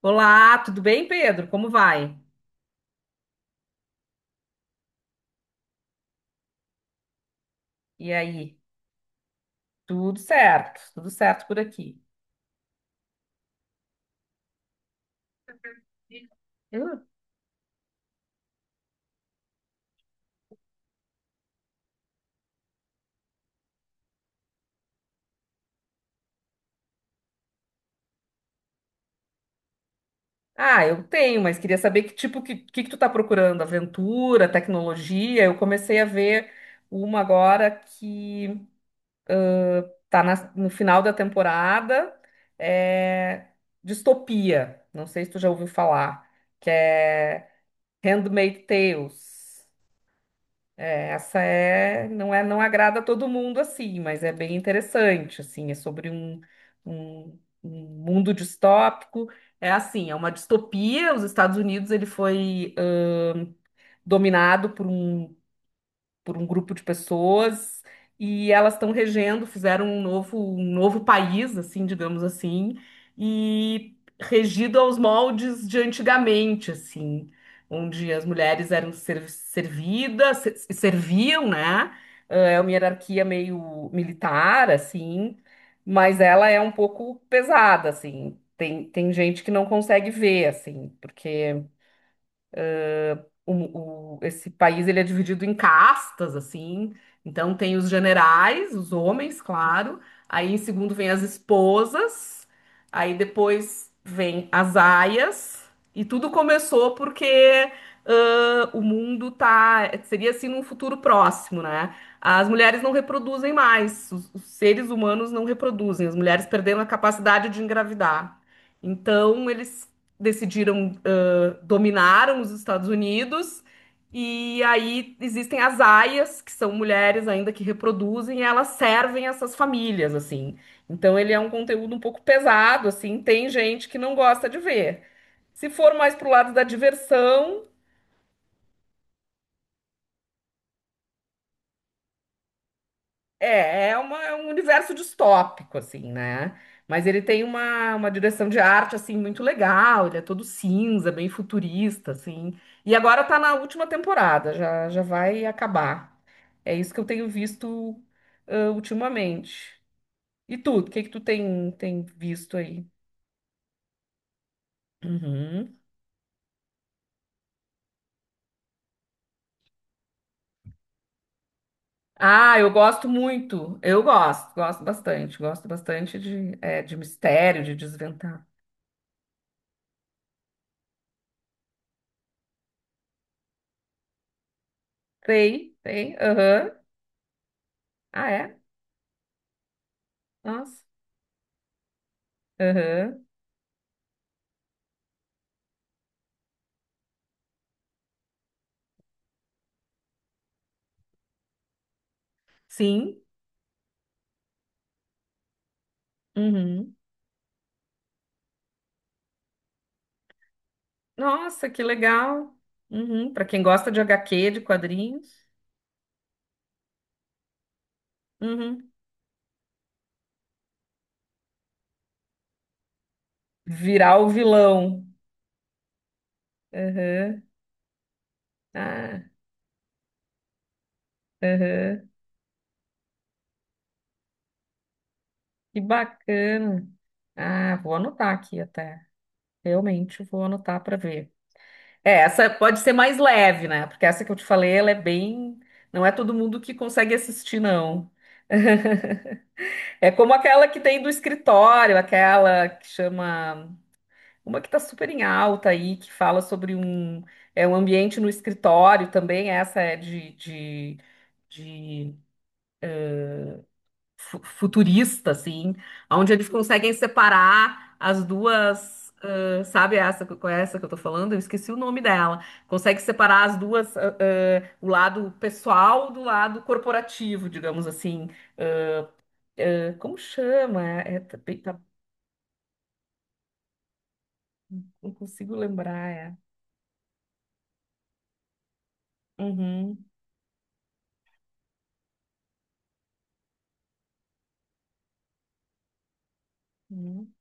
Olá, tudo bem, Pedro? Como vai? E aí? Tudo certo por aqui. Ah, eu tenho, mas queria saber que tipo que tu tá procurando? Aventura, tecnologia? Eu comecei a ver uma agora que tá no final da temporada, é distopia. Não sei se tu já ouviu falar, que é Handmaid's Tales. É, essa é, não agrada a todo mundo, assim, mas é bem interessante, assim, é sobre um, mundo distópico. É assim, é uma distopia. Os Estados Unidos ele foi dominado por um grupo de pessoas, e elas estão regendo, fizeram um novo país, assim, digamos assim, e regido aos moldes de antigamente, assim, onde as mulheres eram servidas, serviam, né? É uma hierarquia meio militar, assim, mas ela é um pouco pesada, assim. Tem gente que não consegue ver, assim, porque esse país ele é dividido em castas, assim. Então tem os generais, os homens, claro. Aí em segundo vem as esposas. Aí depois vem as aias. E tudo começou porque o mundo tá. Seria assim num futuro próximo, né? As mulheres não reproduzem mais. Os seres humanos não reproduzem. As mulheres perderam a capacidade de engravidar. Então eles decidiram, dominaram os Estados Unidos. E aí existem as aias, que são mulheres ainda que reproduzem, e elas servem essas famílias, assim. Então ele é um conteúdo um pouco pesado, assim, tem gente que não gosta de ver. Se for mais pro lado da diversão. É um universo distópico, assim, né? Mas ele tem uma, direção de arte, assim, muito legal. Ele é todo cinza, bem futurista, assim. E agora tá na última temporada, já, já vai acabar. É isso que eu tenho visto, ultimamente. E tu, o que que tu tem visto aí? Uhum. Ah, eu gosto muito. Eu gosto, gosto bastante. Gosto bastante de mistério, de desventar. Tem, aham. Ah, é? Nossa. Aham. Sim. Uhum. Nossa, que legal. Uhum. Para quem gosta de HQ, de quadrinhos. Uhum. Virar o vilão. Aham. Ah, aham. Que bacana. Ah, vou anotar aqui até. Realmente vou anotar para ver. É, essa pode ser mais leve, né? Porque essa que eu te falei, ela é bem. Não é todo mundo que consegue assistir, não. É como aquela que tem do escritório, aquela que chama. Uma que está super em alta aí, que fala sobre um, é um ambiente no escritório também, essa é de futurista, assim, onde eles conseguem separar as duas, sabe essa, qual é essa que eu tô falando? Eu esqueci o nome dela. Consegue separar as duas, o lado pessoal do lado corporativo, digamos assim. Como chama? Não consigo lembrar, é. Uhum, uhum.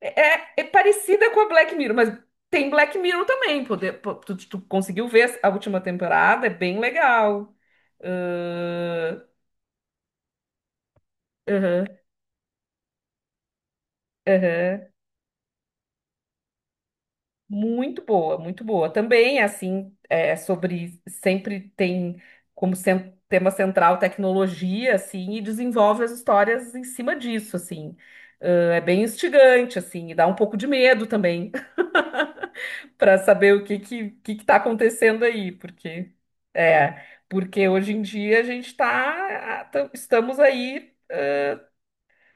É, parecida com a Black Mirror, mas tem Black Mirror também. Tu conseguiu ver a última temporada? É bem legal. Ahn, aham, aham. Muito boa, muito boa. Também, assim, é sobre. Sempre tem como tema central tecnologia, assim, e desenvolve as histórias em cima disso, assim. É bem instigante, assim, e dá um pouco de medo também. Para saber o que que, tá acontecendo aí, porque hoje em dia a gente tá, estamos aí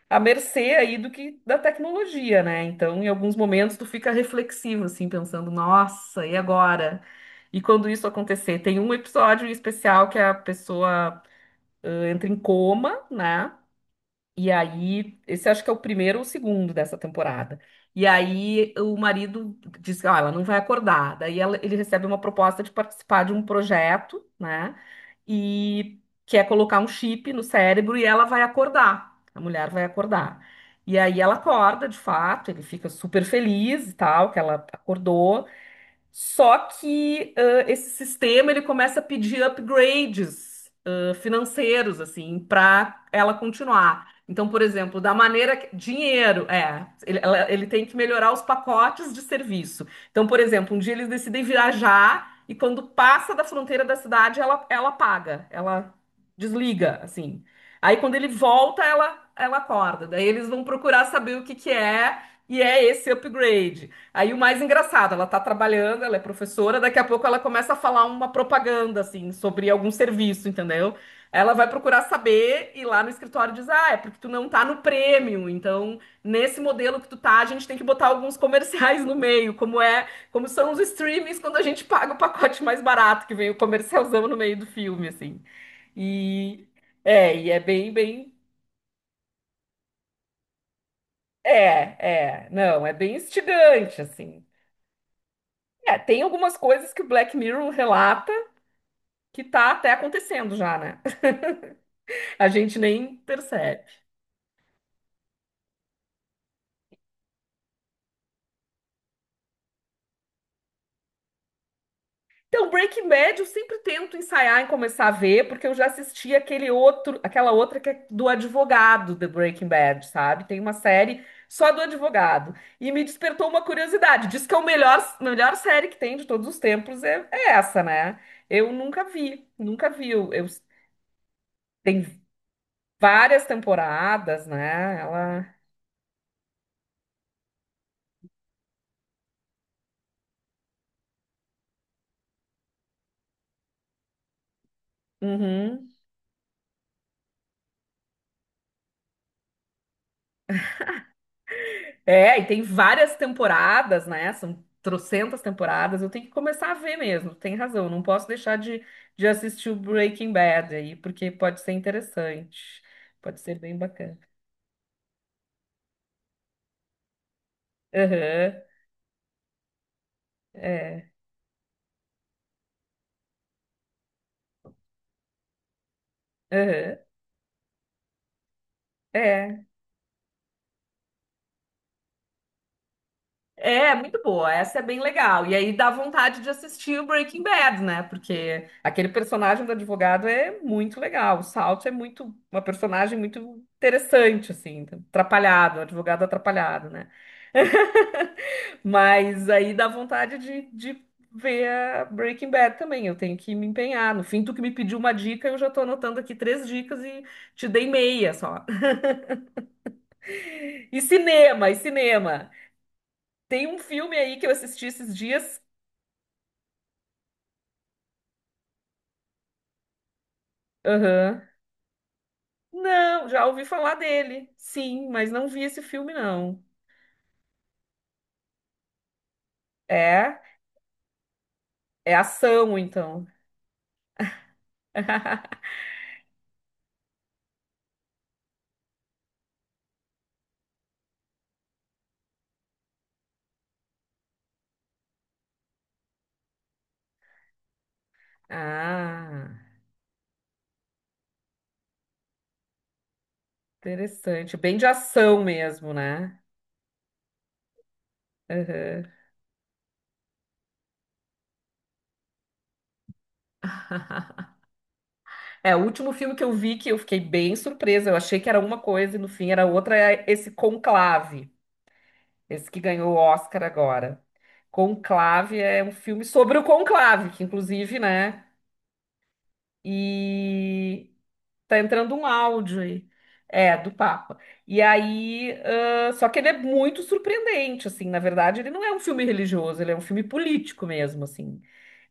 à mercê aí do que da tecnologia, né? Então, em alguns momentos tu fica reflexivo assim, pensando, nossa, e agora? E quando isso acontecer, tem um episódio especial que a pessoa entra em coma, né? E aí, esse acho que é o primeiro ou o segundo dessa temporada. E aí, o marido diz que, ah, ela não vai acordar. Daí, ele recebe uma proposta de participar de um projeto, né? E quer colocar um chip no cérebro e ela vai acordar. A mulher vai acordar. E aí, ela acorda, de fato, ele fica super feliz e tal, que ela acordou. Só que esse sistema ele começa a pedir upgrades financeiros assim para ela continuar. Então, por exemplo, da maneira que, dinheiro, ele tem que melhorar os pacotes de serviço. Então, por exemplo, um dia eles decidem viajar e quando passa da fronteira da cidade, ela paga, ela desliga, assim. Aí quando ele volta, ela acorda. Daí eles vão procurar saber o que que é esse upgrade. Aí o mais engraçado, ela tá trabalhando, ela é professora, daqui a pouco ela começa a falar uma propaganda, assim, sobre algum serviço, entendeu? Ela vai procurar saber e lá no escritório diz, ah, é porque tu não tá no prêmio, então nesse modelo que tu tá, a gente tem que botar alguns comerciais no meio, como são os streamings quando a gente paga o pacote mais barato, que vem o comercialzão no meio do filme, assim. E e é bem, bem, não, é bem instigante, assim. É, tem algumas coisas que o Black Mirror relata que tá até acontecendo já, né? A gente nem percebe. Então, Breaking Bad eu sempre tento ensaiar em começar a ver, porque eu já assisti aquele outro, aquela outra que é do advogado de Breaking Bad, sabe? Tem uma série só do advogado. E me despertou uma curiosidade. Diz que é o melhor, melhor série que tem de todos os tempos é essa, né? Eu nunca vi, nunca vi. Tem várias temporadas, né? Ela. Uhum. É, e tem várias temporadas, né? São trocentas temporadas. Eu tenho que começar a ver mesmo. Tem razão. Não posso deixar de, assistir o Breaking Bad aí, porque pode ser interessante. Pode ser bem bacana. Aham, é. Aham, é. É muito boa. Essa é bem legal. E aí dá vontade de assistir o Breaking Bad, né? Porque aquele personagem do advogado é muito legal. O Salt é uma personagem muito interessante, assim, atrapalhado, um advogado atrapalhado, né? Mas aí dá vontade de ver a Breaking Bad também. Eu tenho que me empenhar. No fim, tu que me pediu uma dica, eu já tô anotando aqui três dicas e te dei meia só. E cinema, e cinema. Tem um filme aí que eu assisti esses dias. Aham. Não, já ouvi falar dele. Sim, mas não vi esse filme, não. É? É ação, então. Ah, interessante. Bem de ação mesmo, né? Aham. É, o último filme que eu vi que eu fiquei bem surpresa. Eu achei que era uma coisa e no fim era outra. É esse Conclave, esse que ganhou o Oscar agora. Conclave é um filme sobre o conclave, que inclusive, né? E tá entrando um áudio aí. É, do Papa. E aí, só que ele é muito surpreendente, assim. Na verdade, ele não é um filme religioso, ele é um filme político mesmo, assim.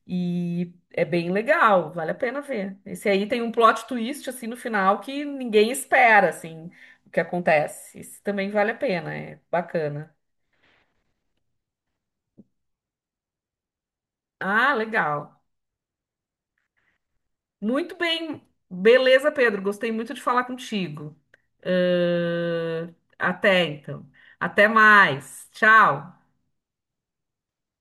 E é bem legal, vale a pena ver. Esse aí tem um plot twist assim no final que ninguém espera assim o que acontece. Esse também vale a pena, é bacana. Ah, legal. Muito bem. Beleza, Pedro, gostei muito de falar contigo. Ahn, Até então. Até mais. Tchau.